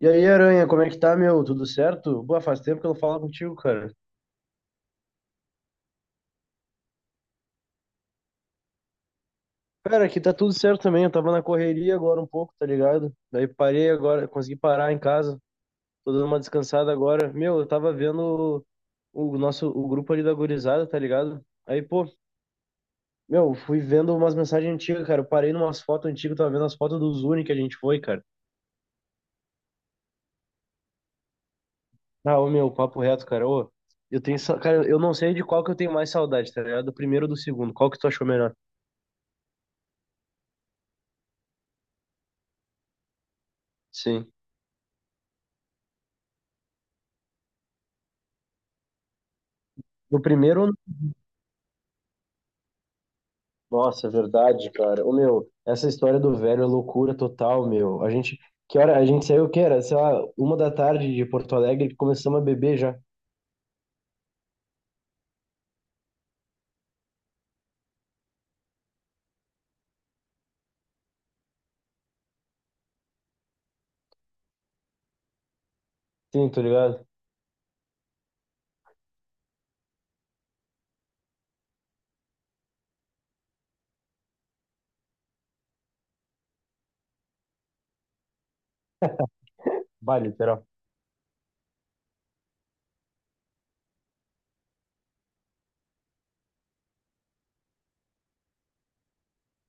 E aí, Aranha, como é que tá, meu? Tudo certo? Boa, faz tempo que eu não falo contigo, cara. Cara, aqui tá tudo certo também. Eu tava na correria agora um pouco, tá ligado? Daí parei agora, consegui parar em casa. Tô dando uma descansada agora. Meu, eu tava vendo o grupo ali da gurizada, tá ligado? Aí, pô, meu, fui vendo umas mensagens antigas, cara. Eu parei numas fotos antigas, tava vendo as fotos do Zuni que a gente foi, cara. Ah, ô, meu, papo reto, cara. Ô, eu tenho, cara, eu não sei de qual que eu tenho mais saudade, tá ligado? Do primeiro ou do segundo? Qual que tu achou melhor? Sim. Do primeiro Nossa, é verdade, cara. Ô, meu, essa história do velho é loucura total, meu. A gente, que hora? A gente saiu, que era? Sei lá, 1 da tarde de Porto Alegre, começamos a beber já. Sim, tô ligado? Vale, literal.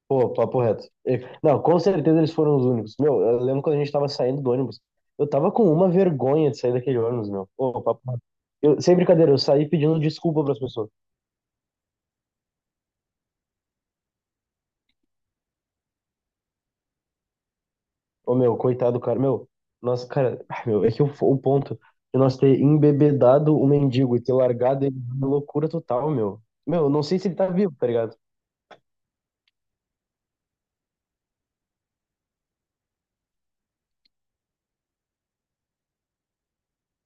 Pô, papo reto. Não, com certeza eles foram os únicos. Meu, eu lembro quando a gente tava saindo do ônibus. Eu tava com uma vergonha de sair daquele ônibus, meu. Pô, papo reto. Eu, sem brincadeira, eu saí pedindo desculpa pras pessoas. Ô, meu, coitado, cara. Meu, nossa, cara, ah, meu, é que o ponto de nós ter embebedado o mendigo e ter largado ele na loucura total, meu. Meu, eu não sei se ele tá vivo, tá ligado?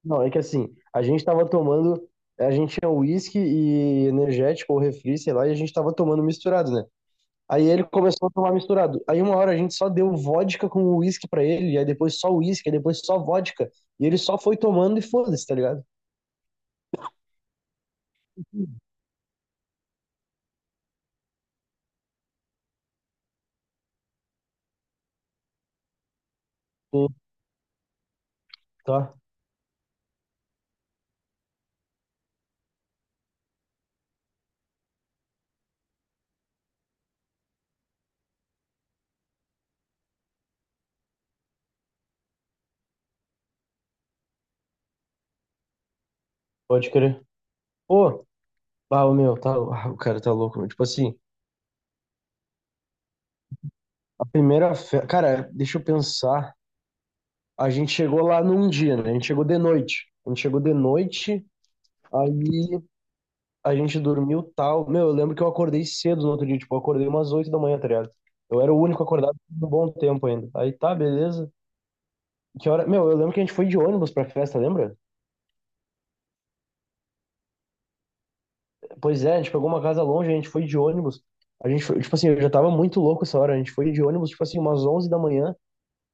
Não, é que assim, a gente tava tomando, a gente tinha uísque e energético ou refri, sei lá, e a gente tava tomando misturado, né? Aí ele começou a tomar misturado. Aí uma hora a gente só deu vodka com uísque pra ele, aí depois só uísque, aí depois só vodka. E ele só foi tomando e foda-se, tá ligado? Sim, tá, pode crer. Pô, ah, o meu, tá, ah, o cara tá louco, meu. Tipo assim, a primeira festa. Cara, deixa eu pensar. A gente chegou lá num dia, né? A gente chegou de noite. A gente chegou de noite, aí a gente dormiu tal. Meu, eu lembro que eu acordei cedo no outro dia, tipo, eu acordei umas 8 da manhã, tá ligado? Eu era o único acordado por um bom tempo ainda. Aí tá, beleza. Que hora? Meu, eu lembro que a gente foi de ônibus pra festa, lembra? Pois é, a gente pegou uma casa longe, a gente foi de ônibus. A gente foi, tipo assim, eu já tava muito louco essa hora. A gente foi de ônibus, tipo assim, umas 11 da manhã.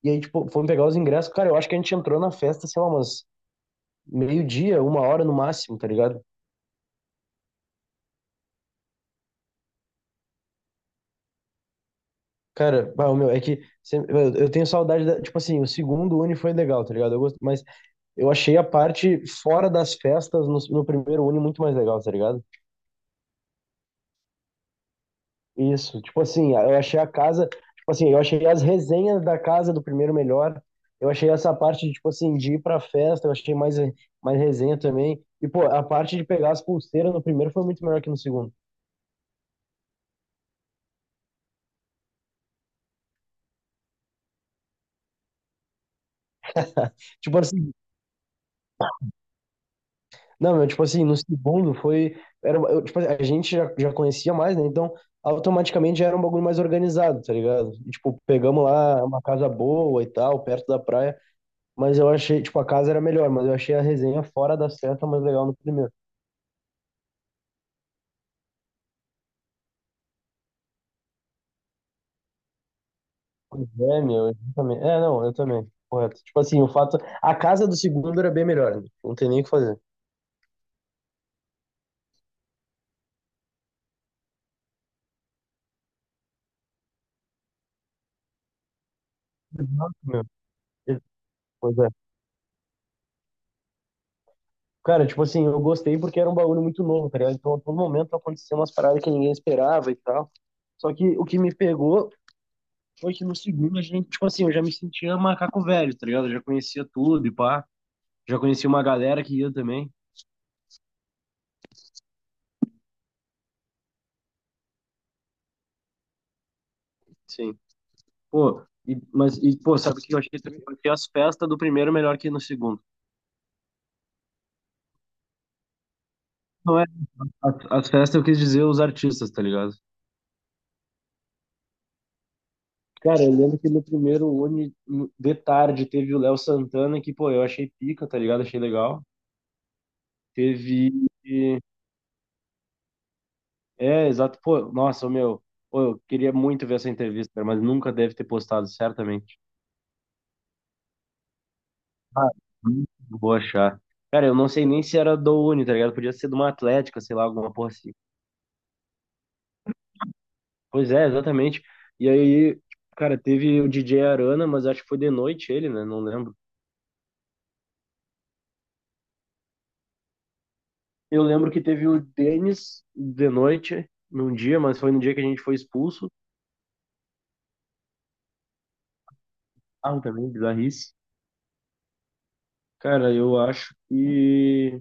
E aí, tipo, fomos pegar os ingressos. Cara, eu acho que a gente entrou na festa, sei lá, umas meio-dia, 1 hora no máximo, tá ligado? Cara, bah, o meu, é que eu tenho saudade da, tipo assim, o segundo Uni foi legal, tá ligado? Eu gosto, mas eu achei a parte fora das festas no, primeiro Uni muito mais legal, tá ligado? Isso, tipo assim, eu achei a casa, tipo assim, eu achei as resenhas da casa do primeiro melhor. Eu achei essa parte de, tipo assim, de ir pra festa, eu achei mais, resenha também. E, pô, a parte de pegar as pulseiras no primeiro foi muito melhor que no segundo. Tipo assim, não, meu, tipo assim, no segundo foi. Era, eu, tipo, a gente já, conhecia mais, né? Então, automaticamente já era um bagulho mais organizado, tá ligado? E, tipo, pegamos lá uma casa boa e tal, perto da praia. Mas eu achei, tipo, a casa era melhor, mas eu achei a resenha fora da certa mais legal no primeiro. Pois é, meu, eu também. É, não, eu também. Correto. Tipo assim, o fato. A casa do segundo era bem melhor, né? Não tem nem o que fazer. Exato, meu. Pois é. Cara, tipo assim, eu gostei porque era um bagulho muito novo, tá ligado? Então, a todo momento acontecia umas paradas que ninguém esperava e tal. Só que o que me pegou foi que no segundo a gente, tipo assim, eu já me sentia macaco velho, tá ligado? Eu já conhecia tudo e pá. Já conhecia uma galera que ia também. Sim. Pô, e, mas, e, pô, sabe o que eu achei também? Eu achei as festas do primeiro melhor que no segundo. Não é? As festas eu quis dizer os artistas, tá ligado? Cara, eu lembro que no primeiro Uni, de tarde, teve o Léo Santana, que, pô, eu achei pica, tá ligado? Achei legal. Teve. É, exato. Pô, nossa, meu. Pô, eu queria muito ver essa entrevista, cara, mas nunca deve ter postado, certamente. Ah, hum, vou achar. Cara, eu não sei nem se era do Uni, tá ligado? Podia ser de uma Atlética, sei lá, alguma porra assim. Pois é, exatamente. E aí, cara, teve o DJ Arana, mas acho que foi de noite ele, né? Não lembro. Eu lembro que teve o Denis de noite, num dia, mas foi no dia que a gente foi expulso. Ah, também, bizarrice. Cara, eu acho que.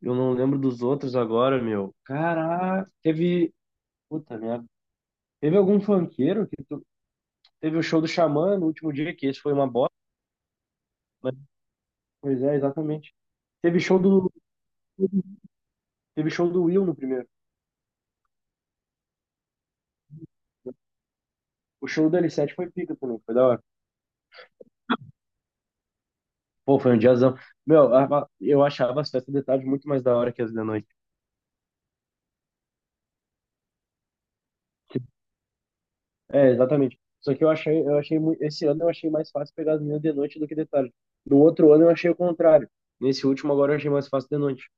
Eu não lembro dos outros agora, meu. Caraca, teve. Puta merda. Teve algum funkeiro que teve o show do Xamã no último dia, que esse foi uma bosta, né? Pois é, exatamente. Teve show do. Teve show do Will no primeiro. O show do L7 foi pica também, foi da hora. Pô, foi um diazão. Meu, eu achava as festas de tarde muito mais da hora que as de noite. É, exatamente. Só que eu achei, esse ano eu achei mais fácil pegar as minhas de noite do que de tarde. No outro ano eu achei o contrário. Nesse último agora eu achei mais fácil de noite.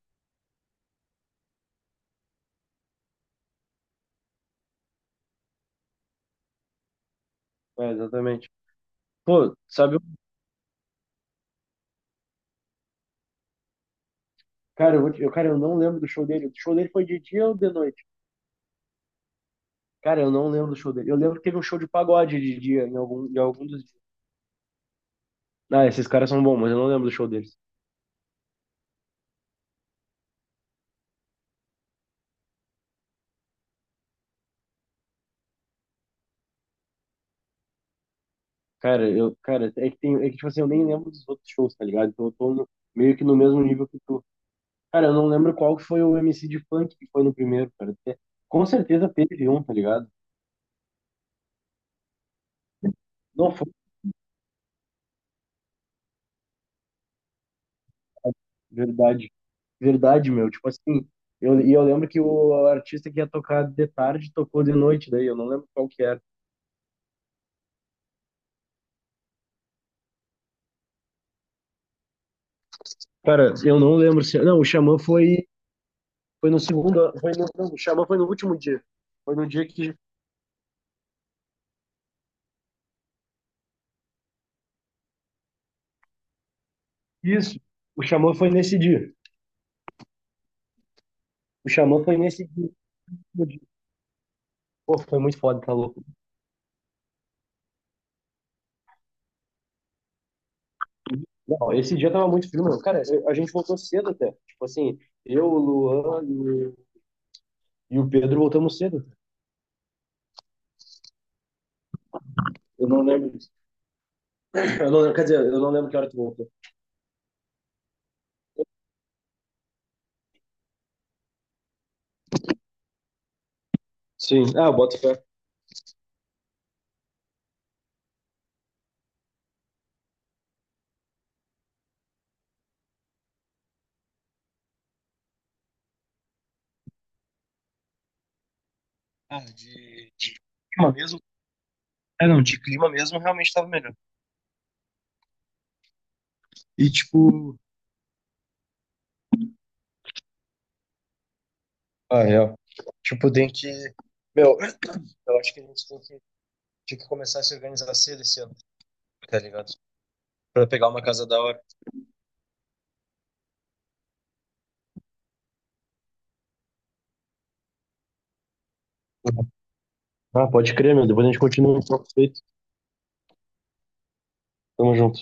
É, exatamente. Pô, Cara, eu, cara, eu não lembro do show dele. O show dele foi de dia ou de noite? Cara, eu não lembro do show dele. Eu lembro que teve um show de pagode de dia, em algum dos dias. Ah, esses caras são bons, mas eu não lembro do show deles. Cara, eu, cara, é que tem, é que, tipo assim, eu nem lembro dos outros shows, tá ligado? Então eu tô meio que no mesmo nível que tu. Cara, eu não lembro qual que foi o MC de funk que foi no primeiro, cara. Com certeza teve um, tá ligado? Não foi, verdade. Verdade, meu. Tipo assim, e eu lembro que o artista que ia tocar de tarde tocou de noite, daí eu não lembro qual que era. Cara, eu não lembro se. Não, o Xamã foi no segundo. Foi no, não, o Xamã foi no último dia. Foi no dia que. Isso. O Xamã foi nesse dia. O Xamã foi nesse dia. No dia. Pô, foi muito foda, tá louco. Não, esse dia tava muito frio, mano. Cara, a gente voltou cedo até. Tipo assim, eu, o Luan e o Pedro voltamos cedo. Eu não lembro. Eu não lembro, quer dizer, eu não lembro que hora tu voltou. Sim. Ah, eu boto fé. Clima mesmo. É, não, de clima mesmo realmente tava melhor. E tipo. Ah, real. Tipo, tem que. Meu, eu acho que a gente tem que, tinha que começar a se organizar cedo esse ano, tá ligado? Pra pegar uma casa da hora. Ah, pode crer, meu. Depois a gente continua o papo feito. Tamo junto.